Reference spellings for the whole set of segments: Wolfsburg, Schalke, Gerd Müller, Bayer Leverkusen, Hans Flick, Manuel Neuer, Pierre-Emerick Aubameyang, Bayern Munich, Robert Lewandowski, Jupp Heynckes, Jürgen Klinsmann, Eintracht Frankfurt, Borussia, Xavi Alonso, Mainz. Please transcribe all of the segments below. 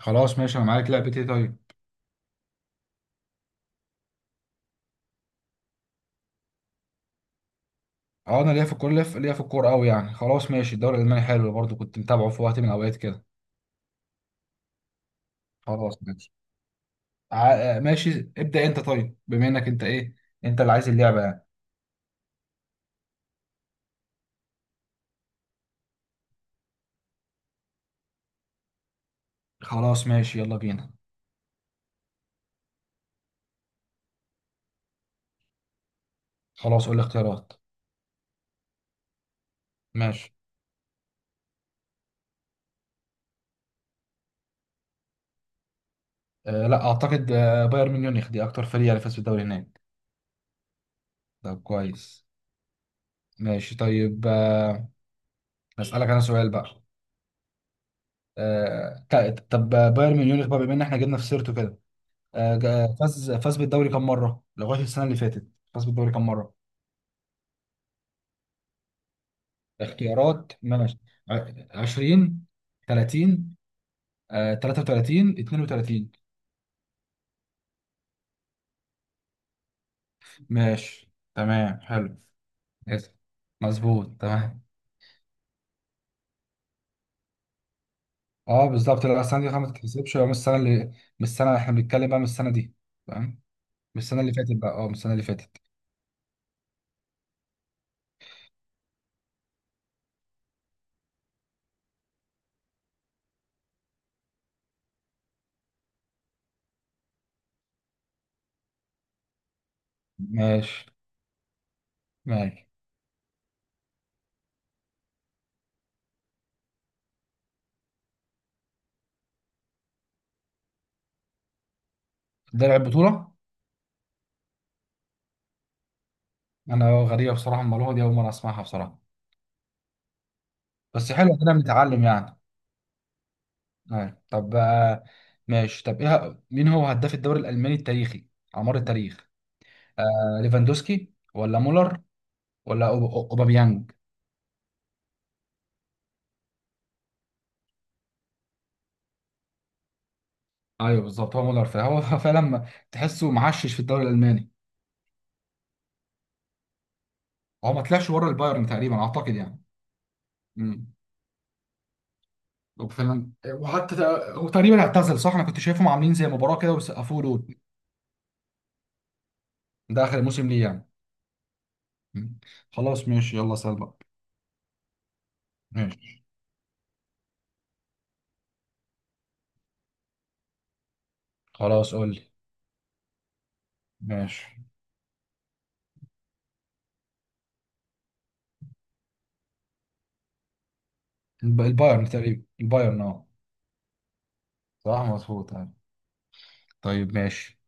خلاص ماشي، انا معاك. لعبتي طيب. اه، انا ليا في الكوره ليا في ليا في الكوره قوي يعني. خلاص ماشي، الدوري الالماني حلو برضو، كنت متابعه في وقت من الاوقات كده. خلاص ماشي، ماشي ابدا. انت طيب، بما انك انت ايه انت اللي عايز اللعبه يعني. خلاص ماشي يلا بينا. خلاص قول لي اختيارات. ماشي. لا اعتقد، بايرن ميونخ دي اكتر فريق اللي فاز بالدوري هناك. طب كويس. ماشي طيب، اسالك انا سؤال بقى. طب بايرن ميونخ بقى، بما ان احنا جبنا في سيرته كده، فاز بالدوري كم مره لغايه السنه اللي فاتت؟ فاز بالدوري كم مره؟ اختيارات ماشي. ع- 20، 30، 33، 32. ماشي تمام حلو. اسف. مظبوط تمام. اه بالظبط، لا السنه دي خلاص ما تتحسبش، من السنه اللي، من السنه احنا بنتكلم بقى من السنه دي. تمام. من السنه اللي فاتت بقى، اه من السنه اللي فاتت. ماشي. ماشي. ده لعب بطوله. انا غريبه بصراحه، المعلومه دي اول مره اسمعها بصراحه. بس حلو كده بنتعلم يعني. آه. طب ماشي. طب ايه، مين هو هداف الدوري الالماني التاريخي على مر التاريخ؟ ليفاندوسكي ولا مولر ولا اوباميانج؟ ايوه بالظبط هو مولر، فهو فعلا تحسه معشش في الدوري الالماني. هو ما طلعش بره البايرن تقريبا اعتقد يعني. امم. وفعلا، وحتى هو تقريبا اعتزل صح، انا كنت شايفهم عاملين زي مباراه كده وسقفوا له. ده اخر موسم ليه يعني. مم. خلاص ماشي يلا سأل بقى. ماشي. خلاص قول لي. ماشي. البايرن تقريبا، البايرن. اه صح مظبوط أيوه. طيب ماشي.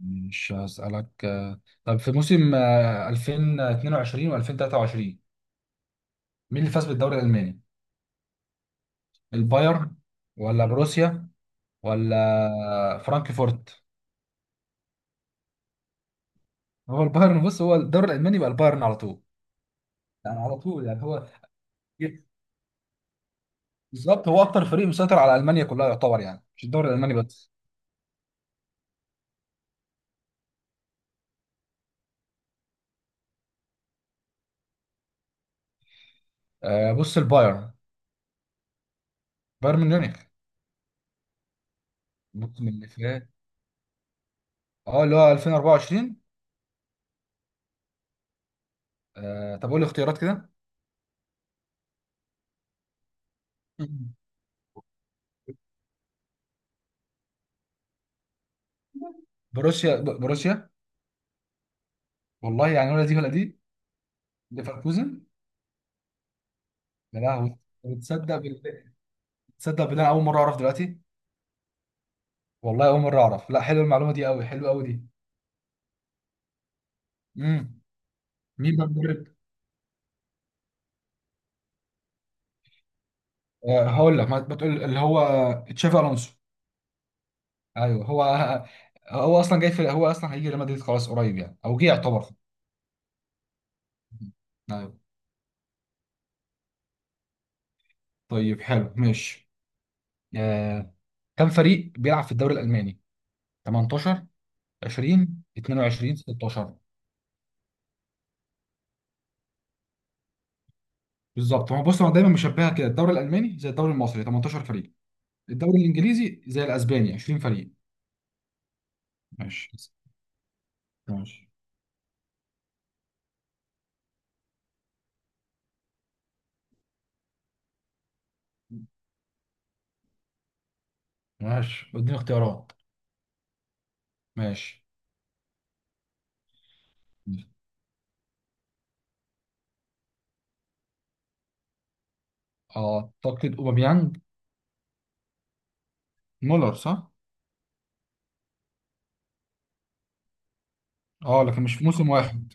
مش هسألك، طب في موسم 2022 و2023 مين اللي فاز بالدوري الألماني؟ البايرن ولا بروسيا ولا فرانكفورت؟ هو البايرن، بص هو الدوري الألماني بقى البايرن على طول. يعني على طول يعني هو. إيه، بالظبط هو أكتر فريق مسيطر على ألمانيا كلها يعتبر، يعني مش الدوري الألماني بس. بص البايرن. بايرن ميونخ. ممكن اللي فات، اه اللي هو 2024. طب قول لي اختيارات كده. بروسيا بروسيا. والله يعني، ولا دي ولا دي. ليفركوزن. يا لهوي. تصدق بال... تصدق بالله أنا أول مرة أعرف دلوقتي. والله أول مرة أعرف، لا حلوة المعلومة دي أوي، حلوة أوي دي. امم. مين بقى المدرب؟ هقول لك ما تقول اللي هو تشافي ألونسو. أيوه هو. هو أصلا هيجي ريال مدريد خلاص قريب يعني، أو جه يعتبر. ايوه. طيب حلو ماشي. آه، كم فريق بيلعب في الدوري الالماني؟ 18، 20، 22، 16. بالظبط، ما هو بص انا دايما مشبهها كده، الدوري الالماني زي الدوري المصري 18 فريق، الدوري الانجليزي زي الاسباني 20 فريق. ماشي. ماشي. ماشي اديني اختيارات. ماشي. اعتقد اوباميانج. مولر صح؟ اه لكن مش في موسم واحد.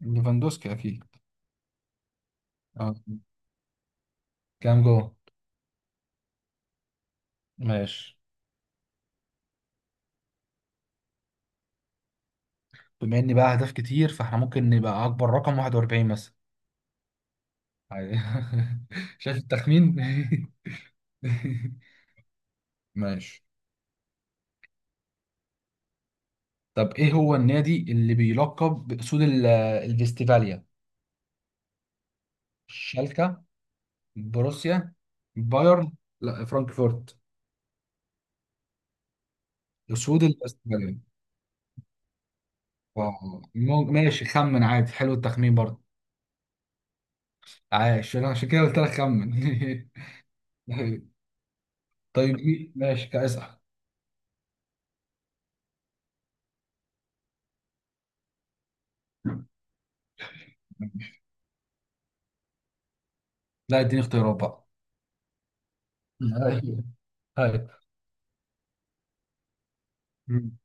ليفاندوسكي اكيد. اه كام جول؟ ماشي. بما اني بقى اهداف كتير، فاحنا ممكن نبقى اكبر رقم 41 مثلا. عادي. شايف التخمين. ماشي. طب ايه هو النادي اللي بيلقب باسود الفيستيفاليا؟ الشالكة. بروسيا. بايرن. لا فرانكفورت. اسود الاستراليين. اه. ماشي خمن عادي، حلو التخمين برضه. عايش انا عشان كده قلت لك خمن. طيب إيه؟ ماشي كاسح. لا اديني اختيارات بقى. هاي. هاي. مم.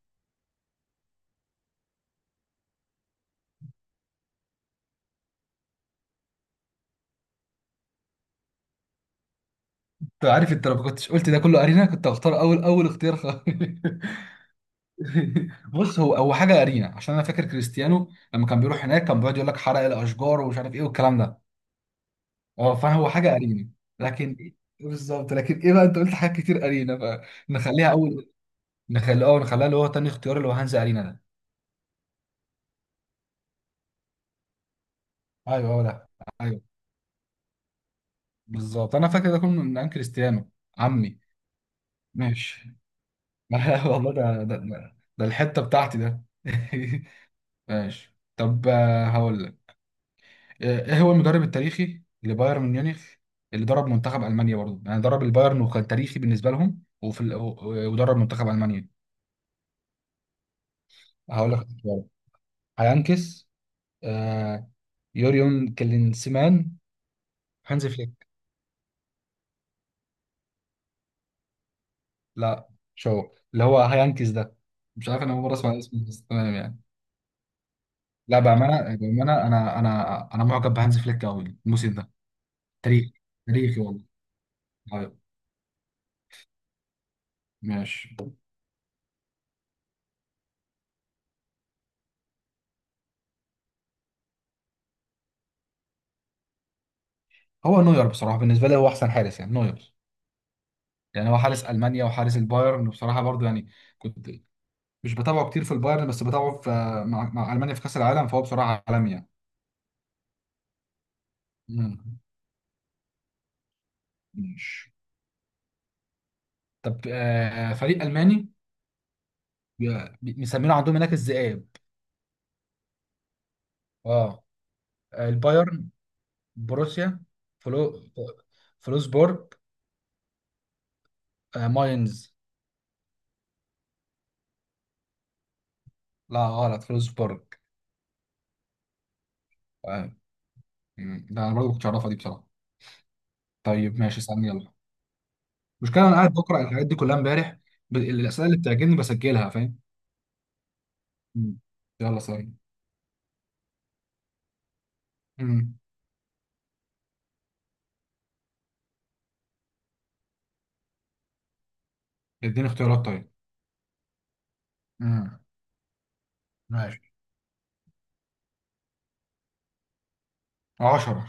انت عارف، انت لو ما كنتش قلت ده كله ارينا كنت هختار اول اول اختيار خالص. بص هو حاجه ارينا، عشان انا فاكر كريستيانو لما كان بيروح هناك كان بيقعد يقول لك حرق الاشجار ومش عارف ايه والكلام ده. اه فانا هو حاجه ارينا. لكن ايه، بالظبط. لكن ايه بقى، انت قلت حاجات كتير ارينا، بقى نخليها اول. نخليها اللي هو تاني اختيار، اللي هو هانز ارينا ده. ايوه هو ده. ايوه. بالظبط انا فاكر ده كله من عن كريستيانو. عمي. ماشي. لا والله ده، ده الحته بتاعتي ده. ماشي. طب هقول لك، ايه هو المدرب التاريخي لبايرن ميونخ اللي درب منتخب المانيا برضه، يعني درب البايرن وكان تاريخي بالنسبه لهم، ودرب منتخب المانيا. هقول لك اختيارات. هيانكس. آه. يوريون كلينسمان. هانز فليك. لا. شو اللي هو هايانكيز ده؟ مش عارف، انا اول مره اسمع اسمه، بس تمام يعني. لا بامانه بامانه، انا معجب بهانز فليك قوي الموسم ده. تاريخي. تاريخي والله. طيب. ماشي. هو نوير بصراحه، بالنسبه لي هو احسن حارس يعني نوير. يعني هو حارس المانيا وحارس البايرن بصراحه برضو يعني. كنت مش بتابعه كتير في البايرن، بس بتابعه في مع المانيا في كاس العالم، فهو بصراحه عالمي يعني. مم. ماشي. طب فريق الماني، مسمينه عندهم هناك الذئاب. اه. البايرن. بروسيا. فلو فلوسبورج. ماينز. لا غلط، فلوسبورج. آه. مم. ده انا برضه كنت اعرفها دي بصراحه. طيب ماشي استنى يلا. المشكله انا قاعد بقرا الحاجات دي كلها امبارح، الاسئله اللي بتعجبني بسجلها فاهم. مم. يلا ثاني. مم. اديني اختيارات طيب. مم. ماشي. 10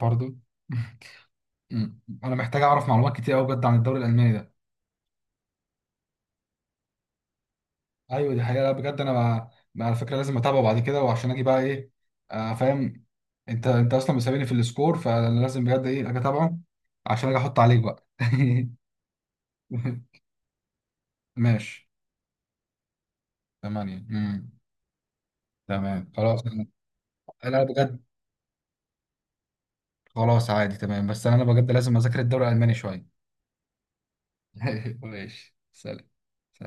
برضه. مم. انا محتاج اعرف معلومات كتير قوي بجد عن الدوري الالماني ده. ايوه دي حقيقه، لا بجد انا مع على فكره لازم اتابعه بعد كده وعشان اجي بقى ايه. فاهم. انت اصلا مسابيني في السكور، فانا لازم بجد ايه اجي اتابعه عشان اجي احط عليك بقى. ماشي. ثمانية. تمام خلاص انا. أنا بجد. خلاص عادي تمام، بس انا بجد لازم اذاكر الدوري الالماني شويه. ماشي سلام.